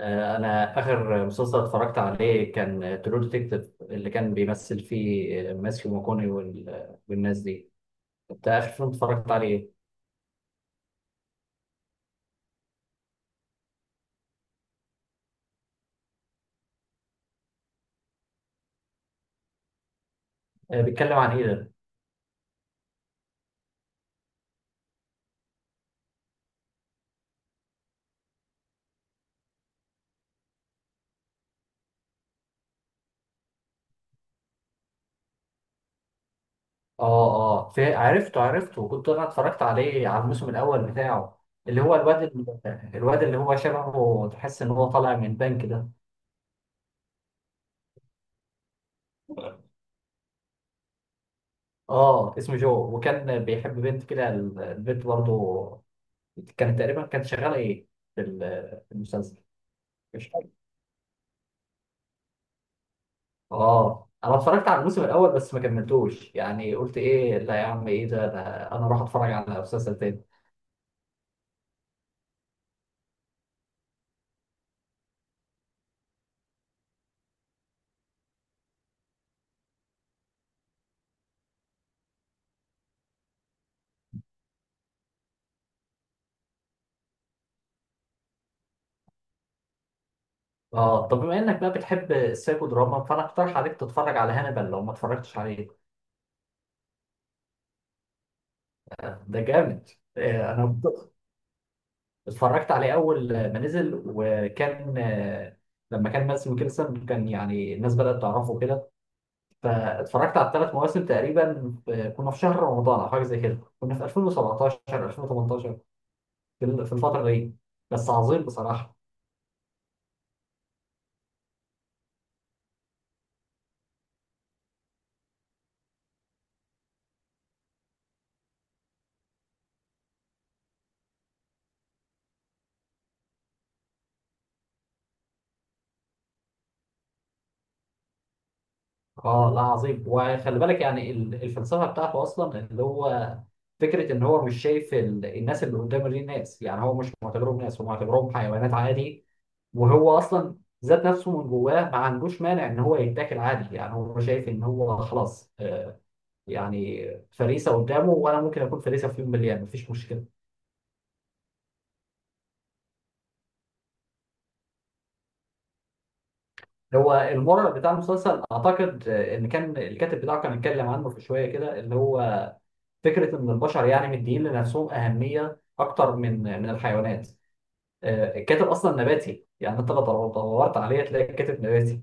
انا اخر مسلسل اتفرجت عليه كان ترو ديتكتيف اللي كان بيمثل فيه ماثيو ماكوني والناس دي. انت اخر فيلم اتفرجت عليه إيه؟ بيتكلم عن ايه ده؟ اه، اه، في، عرفته عرفته، وكنت انا اتفرجت عليه على الموسم الاول بتاعه اللي هو الواد اللي هو شبهه، تحس ان هو طالع من بنك ده. اه، اسمه جو، وكان بيحب بنت كده. البنت برضه كانت تقريبا كانت شغاله ايه في المسلسل. اه، انا اتفرجت على الموسم الاول بس ما كملتوش. يعني قلت ايه؟ لا يا عم، ايه ده؟ انا اروح اتفرج على مسلسل تاني. اه، طب بما انك بقى بتحب السايكو دراما فانا اقترح عليك تتفرج على هانيبال لو ما اتفرجتش عليه. ده جامد. انا اتفرجت عليه اول ما نزل، وكان لما كان ماسم كيرسون كان يعني الناس بدأت تعرفه كده. فاتفرجت على الثلاث مواسم تقريبا. كنا في شهر رمضان او حاجه زي كده، كنا في 2017، 2018، في الفتره دي. بس عظيم بصراحه. اه، لا عظيم. وخلي بالك يعني الفلسفه بتاعته اصلا اللي هو فكره ان هو مش شايف الناس اللي قدامه دي ناس. يعني هو مش معتبرهم ناس، هو معتبرهم حيوانات عادي. وهو اصلا ذات نفسه من جواه ما عندوش مانع ان هو يتاكل عادي. يعني هو شايف ان هو خلاص يعني فريسه قدامه، وانا ممكن اكون فريسه في يوم من الايام، مفيش مشكله. هو المورال بتاع المسلسل اعتقد، ان كان الكاتب بتاعه كان اتكلم عنه في شويه كده اللي هو فكره ان البشر يعني مدين لنفسهم اهميه اكتر من الحيوانات. الكاتب اصلا نباتي. يعني انت لو دورت عليه تلاقي الكاتب نباتي.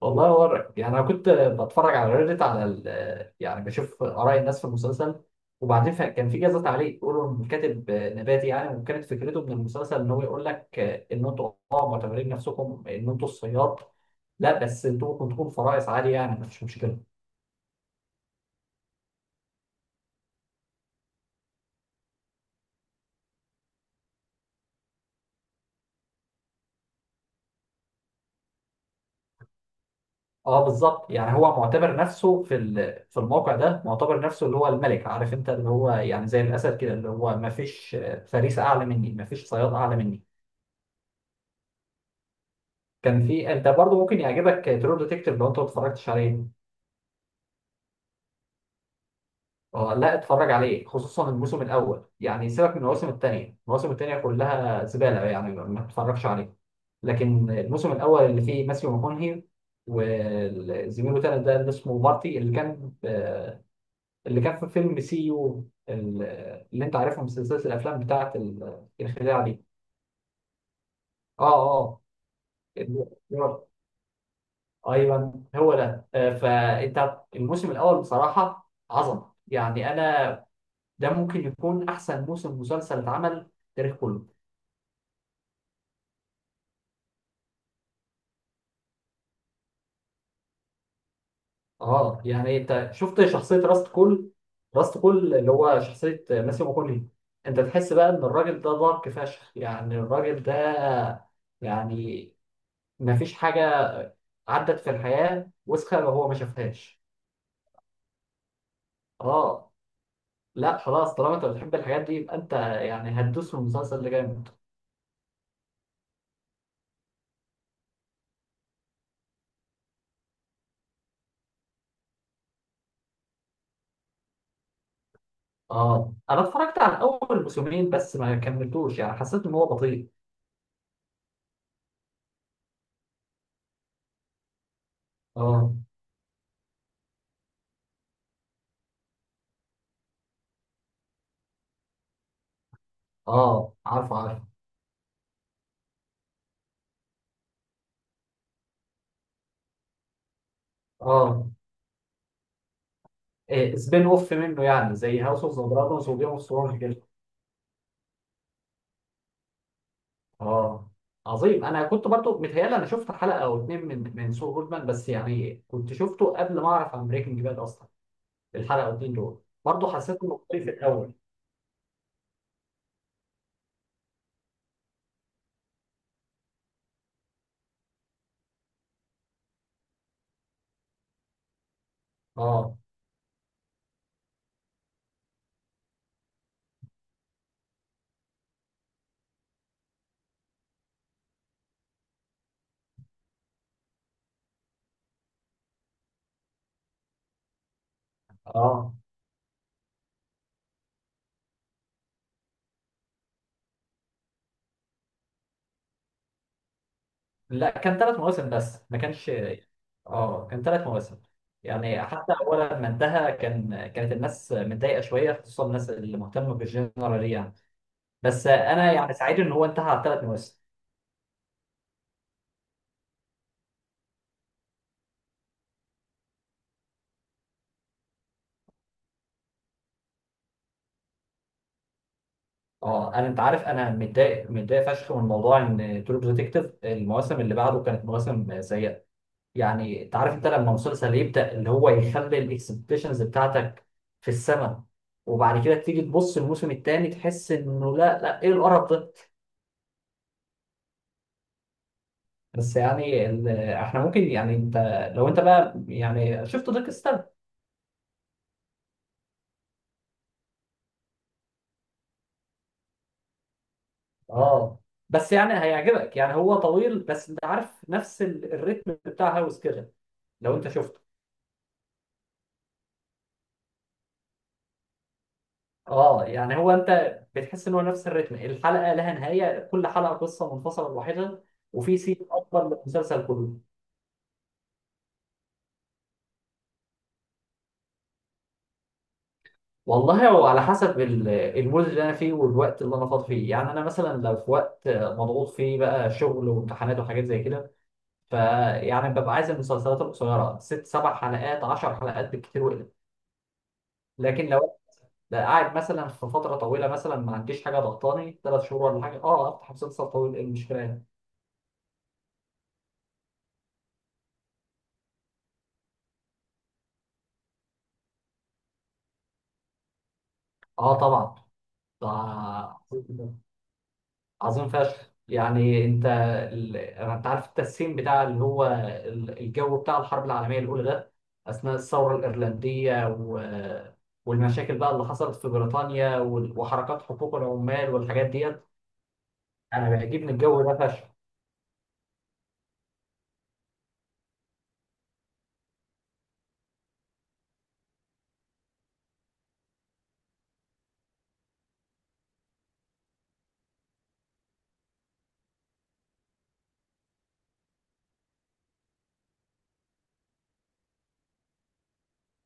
والله يورك. يعني انا كنت بتفرج على ريدت، على يعني بشوف اراء الناس في المسلسل. وبعدين كان في جزء تعليق يقولوا ان الكاتب نباتي يعني، وكانت فكرته من المسلسل ان هو يقول لك ان انتوا معتبرين نفسكم ان انتوا الصياد. لا بس انتوا ممكن تكونوا فرائس عادي، يعني مفيش مشكله. اه، بالظبط. يعني هو معتبر نفسه في الموقع ده، معتبر نفسه اللي هو الملك، عارف انت، اللي هو يعني زي الاسد كده اللي هو ما فيش فريسه اعلى مني، ما فيش صياد اعلى مني. كان في، انت برضو ممكن يعجبك ترو ديتكتيف لو انت ما اتفرجتش عليه. اه، لا، اتفرج عليه خصوصا الموسم الاول. يعني سيبك من المواسم الثانيه، المواسم الثانيه كلها زباله، يعني ما تتفرجش عليه. لكن الموسم الاول اللي فيه ماسيو ماكونهي وزميله تاني ده اللي اسمه مارتي، اللي كان في فيلم سي يو اللي انت عارفها من سلسله الافلام بتاعت الخداع دي. اه، اه، ال- ايوه هو ده. فانت الموسم الاول بصراحه عظمه. يعني انا ده ممكن يكون احسن موسم مسلسل اتعمل في التاريخ كله. اه، يعني انت شفت شخصيه راست كول. راست كول اللي هو شخصيه ماسيو ماكوني. انت تحس بقى ان الراجل ده دارك فشخ. يعني الراجل ده يعني ما فيش حاجة عدت في الحياة وسخة وهو ما شافهاش. اه، لا خلاص، طالما انت بتحب الحاجات دي يبقى انت يعني هتدوس في المسلسل ده جامد. اه، انا اتفرجت على اول موسمين بس ما كملتوش. يعني حسيت ان هو بطيء. اه، اه، عارف عارف. اه، إيه، سبين اوف منه، يعني زي هاوس اوف ذا دراجونز وجيم اوف ثرونز كده. اه، عظيم. انا كنت برضو متهيألي انا شفت حلقه او اتنين من سو جودمان، بس يعني كنت شفته قبل ما اعرف عن بريكنج باد اصلا. الحلقه او اتنين دول برضو حسيت انه بطيء في الاول. اه، اه، لا، كان ثلاث مواسم بس ما كانش. اه، كان ثلاث مواسم. يعني حتى اول ما انتهى كانت الناس متضايقه شويه، خصوصا الناس اللي مهتمه بالجنرال يعني. بس انا يعني سعيد ان هو انتهى على ثلاث مواسم. اه، انا انت عارف، انا متضايق متضايق فشخ من موضوع ان ترو ديتكتيف المواسم اللي بعده كانت مواسم سيئه. يعني انت عارف، انت لما مسلسل يبدا اللي هو يخلي الاكسبكتيشنز بتاعتك في السماء، وبعد كده تيجي تبص الموسم الثاني تحس انه لا لا، ايه القرف ده. بس يعني احنا ممكن، يعني لو انت بقى يعني شفت دارك. اه، بس يعني هيعجبك. يعني هو طويل بس انت عارف نفس الريتم بتاع هاوس كده. لو انت شفته. اه، يعني هو انت بتحس ان هو نفس الريتم، الحلقه لها نهايه، كل حلقه قصه منفصله لوحدها. وفي سيت اكبر من المسلسل كله. والله هو على حسب المود اللي انا فيه والوقت اللي انا فاضي فيه. يعني انا مثلا لو في وقت مضغوط فيه بقى شغل وامتحانات وحاجات زي كده، فيعني ببقى عايز المسلسلات القصيره ست سبع حلقات، عشر حلقات بالكتير وقلت. لكن لو أنا قاعد مثلا في فتره طويله، مثلا ما عنديش حاجه ضغطاني ثلاث شهور ولا حاجه، افتح مسلسل طويل، ايه المشكله يعني. اه، طبعا. ده عظيم فشخ. يعني انت عارف التسخين بتاع اللي هو الجو بتاع الحرب العالميه الاولى ده، اثناء الثوره الايرلنديه والمشاكل بقى اللي حصلت في بريطانيا وحركات حقوق العمال والحاجات ديت. انا بيعجبني الجو ده فشخ.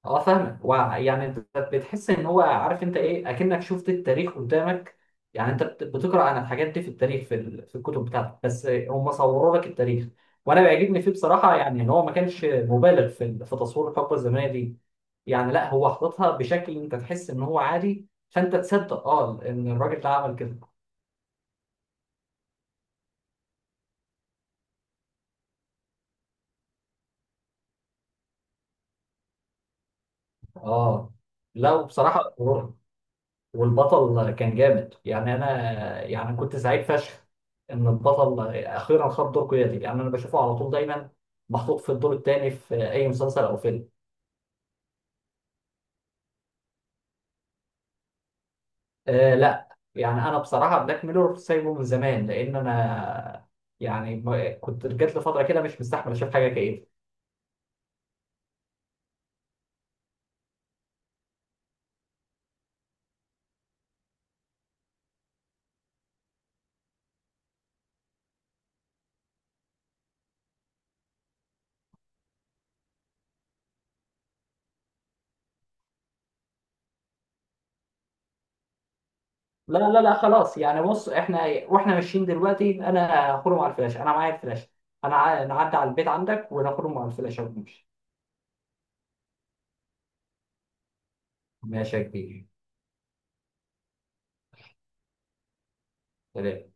اه، فاهمك. ويعني انت بتحس ان هو عارف انت ايه، اكنك شفت التاريخ قدامك. يعني انت بتقرا عن الحاجات دي في التاريخ، في الكتب بتاعتك. بس هم صوروا لك التاريخ. وانا بيعجبني فيه بصراحه. يعني ان هو ما كانش مبالغ في تصوير الحقبه الزمنيه دي. يعني لا، هو حاططها بشكل انت تحس ان هو عادي، فانت تصدق ان الراجل ده عمل كده. اه، لا وبصراحه. والبطل كان جامد. يعني انا يعني كنت سعيد فشخ ان البطل اخيرا خد دور قيادي. يعني انا بشوفه على طول دايما محطوط في الدور الثاني في اي مسلسل او فيلم. لا، يعني انا بصراحه بلاك ميرور سايبه من زمان، لان انا يعني كنت جات لي فتره كده مش مستحمل اشوف حاجه كده. لا، لا، لا، خلاص. يعني بص احنا واحنا ماشيين دلوقتي، انا هخرم على الفلاش، انا معايا الفلاش. انا نعدي على البيت عندك ونخرم على الفلاش ونمشي. ماشي يا كبير. سلام.